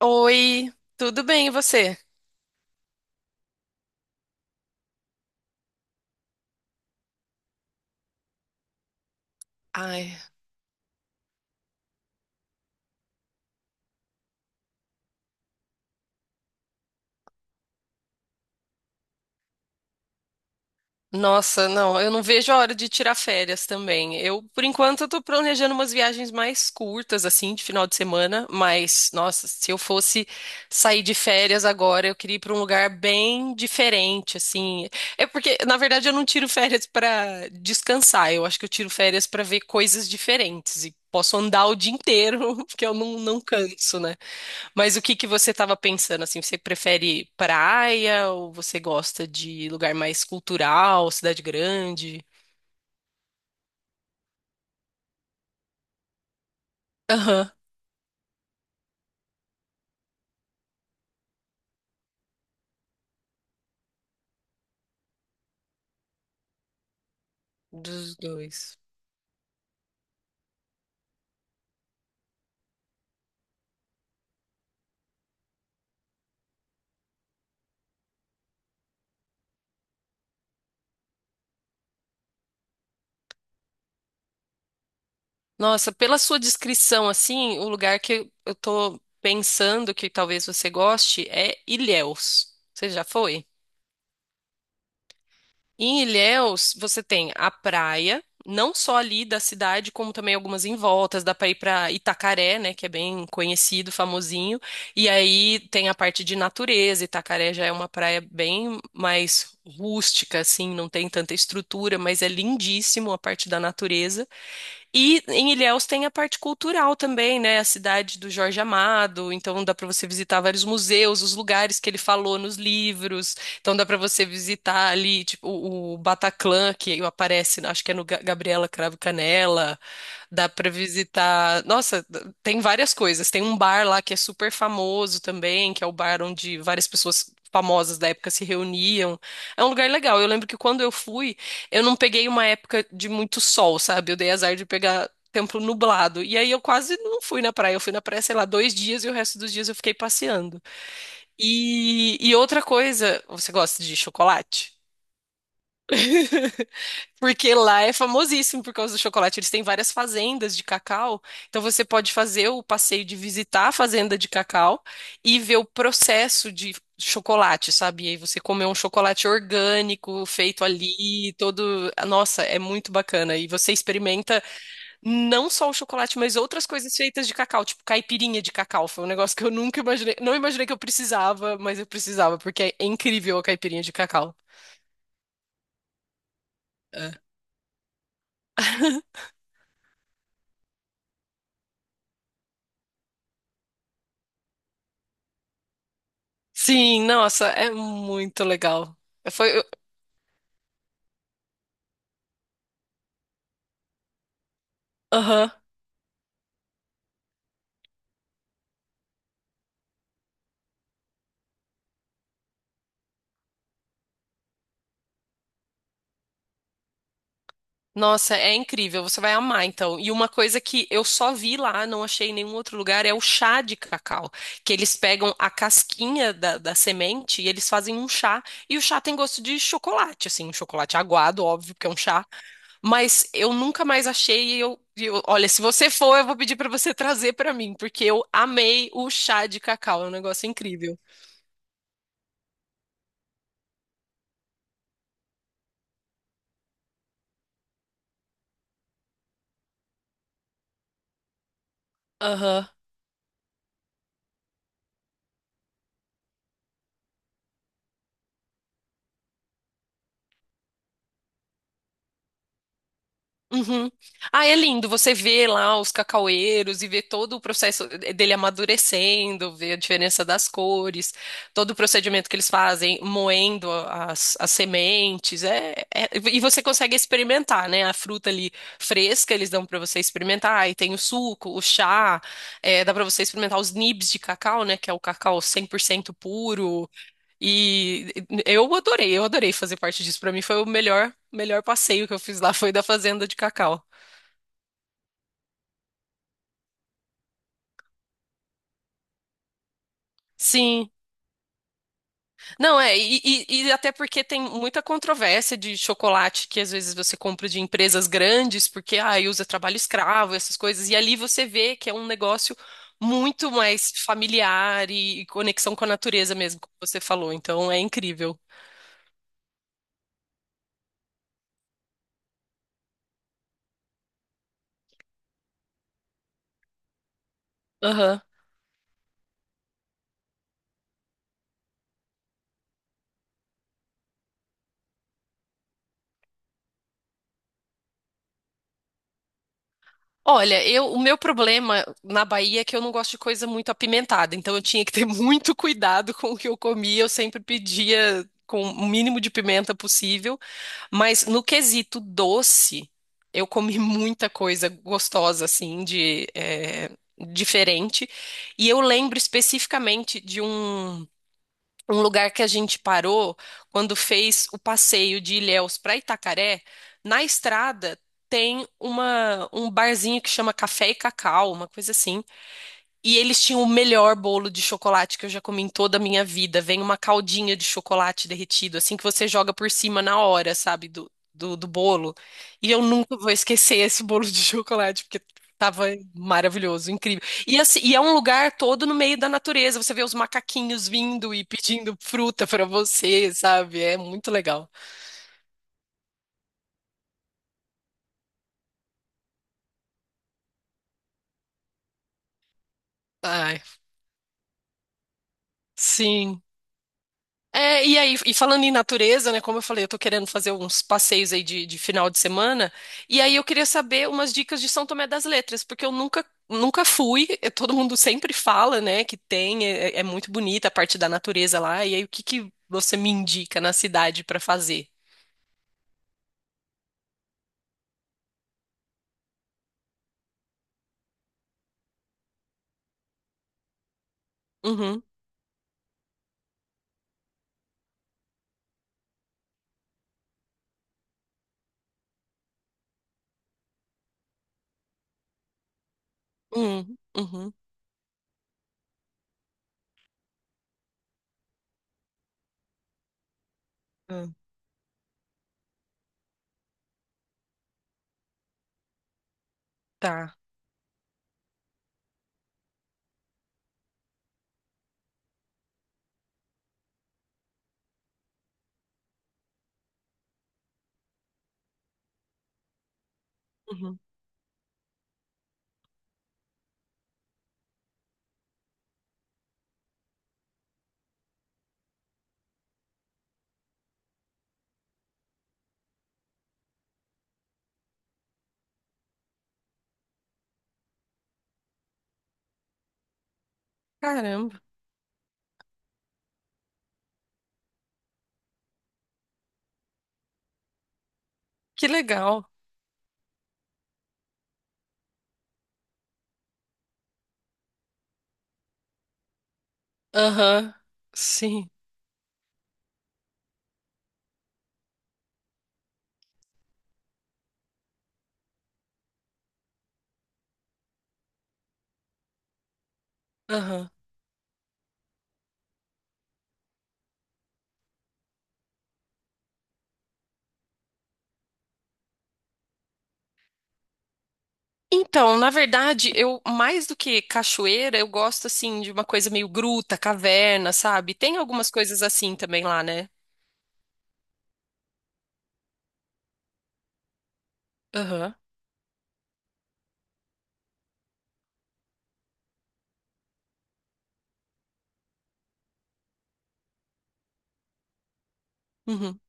Oi, tudo bem e você? Ai, nossa, não, eu não vejo a hora de tirar férias também. Eu, por enquanto, eu tô planejando umas viagens mais curtas, assim, de final de semana, mas, nossa, se eu fosse sair de férias agora, eu queria ir pra um lugar bem diferente, assim. É porque, na verdade, eu não tiro férias pra descansar, eu acho que eu tiro férias pra ver coisas diferentes e posso andar o dia inteiro, porque eu não canso, né? Mas o que que você estava pensando assim? Você prefere praia ou você gosta de lugar mais cultural, cidade grande? Aham, dos dois. Nossa, pela sua descrição assim, o lugar que eu tô pensando que talvez você goste é Ilhéus. Você já foi? Em Ilhéus, você tem a praia, não só ali da cidade, como também algumas em voltas. Dá pra ir pra Itacaré, né, que é bem conhecido, famosinho. E aí tem a parte de natureza. Itacaré já é uma praia bem mais rústica, assim, não tem tanta estrutura, mas é lindíssimo a parte da natureza. E em Ilhéus tem a parte cultural também, né? A cidade do Jorge Amado, então dá para você visitar vários museus, os lugares que ele falou nos livros. Então dá para você visitar ali, tipo, o Bataclan que aparece, acho que é no Gabriela Cravo Canela. Dá para visitar. Nossa, tem várias coisas. Tem um bar lá que é super famoso também, que é o bar onde várias pessoas famosas da época se reuniam. É um lugar legal. Eu lembro que quando eu fui eu não peguei uma época de muito sol, sabe? Eu dei azar de pegar tempo nublado. E aí eu quase não fui na praia. Eu fui na praia, sei lá, 2 dias e o resto dos dias eu fiquei passeando. E outra coisa, você gosta de chocolate? Porque lá é famosíssimo por causa do chocolate. Eles têm várias fazendas de cacau. Então você pode fazer o passeio de visitar a fazenda de cacau e ver o processo de chocolate, sabe? E aí você comer um chocolate orgânico feito ali, todo. Nossa, é muito bacana. E você experimenta não só o chocolate, mas outras coisas feitas de cacau, tipo caipirinha de cacau. Foi um negócio que eu nunca imaginei. Não imaginei que eu precisava, mas eu precisava, porque é incrível a caipirinha de cacau. É. Sim, nossa, é muito legal. É, Foi, eu- aham. Nossa, é incrível, você vai amar então. E uma coisa que eu só vi lá, não achei em nenhum outro lugar, é o chá de cacau, que eles pegam a casquinha da semente e eles fazem um chá, e o chá tem gosto de chocolate, assim, um chocolate aguado, óbvio, porque é um chá, mas eu nunca mais achei e olha, se você for, eu vou pedir pra você trazer pra mim, porque eu amei o chá de cacau, é um negócio incrível. Aham. Uhum. Ah, é lindo. Você vê lá os cacaueiros e vê todo o processo dele amadurecendo, vê a diferença das cores, todo o procedimento que eles fazem, moendo as sementes. E você consegue experimentar, né? A fruta ali fresca, eles dão para você experimentar. E tem o suco, o chá, é, dá para você experimentar os nibs de cacau, né? Que é o cacau 100% puro. E eu adorei fazer parte disso. Pra mim foi o melhor passeio que eu fiz lá, foi da fazenda de cacau. Sim. Não, é, e até porque tem muita controvérsia de chocolate que às vezes você compra de empresas grandes, porque ah, usa trabalho escravo, essas coisas, e ali você vê que é um negócio muito mais familiar e conexão com a natureza mesmo, como você falou. Então é incrível. Olha, eu, o meu problema na Bahia é que eu não gosto de coisa muito apimentada, então eu tinha que ter muito cuidado com o que eu comia, eu sempre pedia com o mínimo de pimenta possível, mas no quesito doce, eu comi muita coisa gostosa, assim, de, diferente, e eu lembro especificamente de um. Um lugar que a gente parou quando fez o passeio de Ilhéus para Itacaré, na estrada tem uma, um barzinho que chama Café e Cacau, uma coisa assim. E eles tinham o melhor bolo de chocolate que eu já comi em toda a minha vida. Vem uma caldinha de chocolate derretido, assim que você joga por cima na hora, sabe, do bolo. E eu nunca vou esquecer esse bolo de chocolate, porque tava maravilhoso, incrível. E, assim, e é um lugar todo no meio da natureza. Você vê os macaquinhos vindo e pedindo fruta pra você, sabe? É muito legal. Ai, sim. É, e aí, e falando em natureza, né? Como eu falei, eu tô querendo fazer uns passeios aí de final de semana. E aí eu queria saber umas dicas de São Tomé das Letras, porque eu nunca fui. Todo mundo sempre fala, né, que tem, é muito bonita a parte da natureza lá. E aí, o que que você me indica na cidade pra fazer? Uhum, uhum, uhum, uhum, tá. Uhum. Caramba, que legal. Aham, sim. Aham. Então, na verdade, eu mais do que cachoeira, eu gosto assim de uma coisa meio gruta, caverna, sabe? Tem algumas coisas assim também lá, né? Aham. Uhum.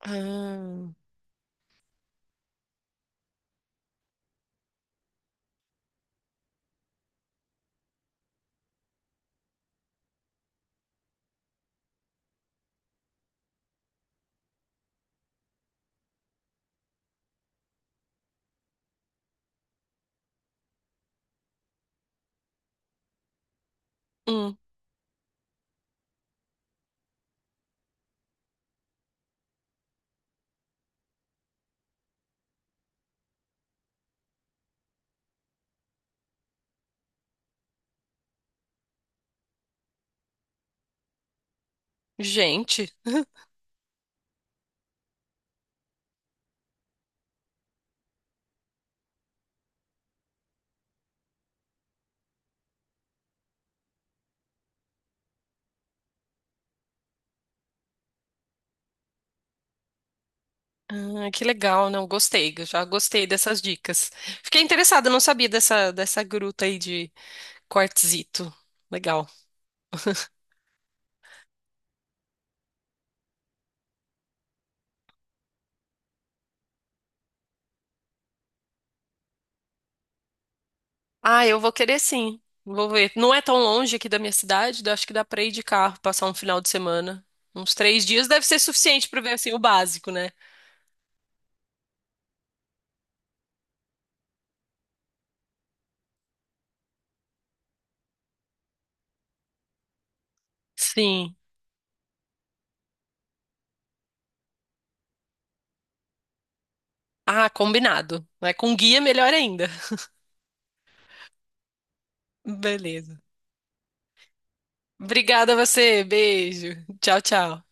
Ah, hum. Gente, ah, que legal, não gostei, eu já gostei dessas dicas. Fiquei interessada, não sabia dessa gruta aí de quartzito. Legal. Ah, eu vou querer sim. Vou ver. Não é tão longe aqui da minha cidade, eu acho que dá pra ir de carro, passar um final de semana. Uns 3 dias deve ser suficiente pra ver assim o básico, né? Sim. Ah, combinado. Né? Com guia, melhor ainda. Beleza. Obrigada a você. Beijo. Tchau, tchau.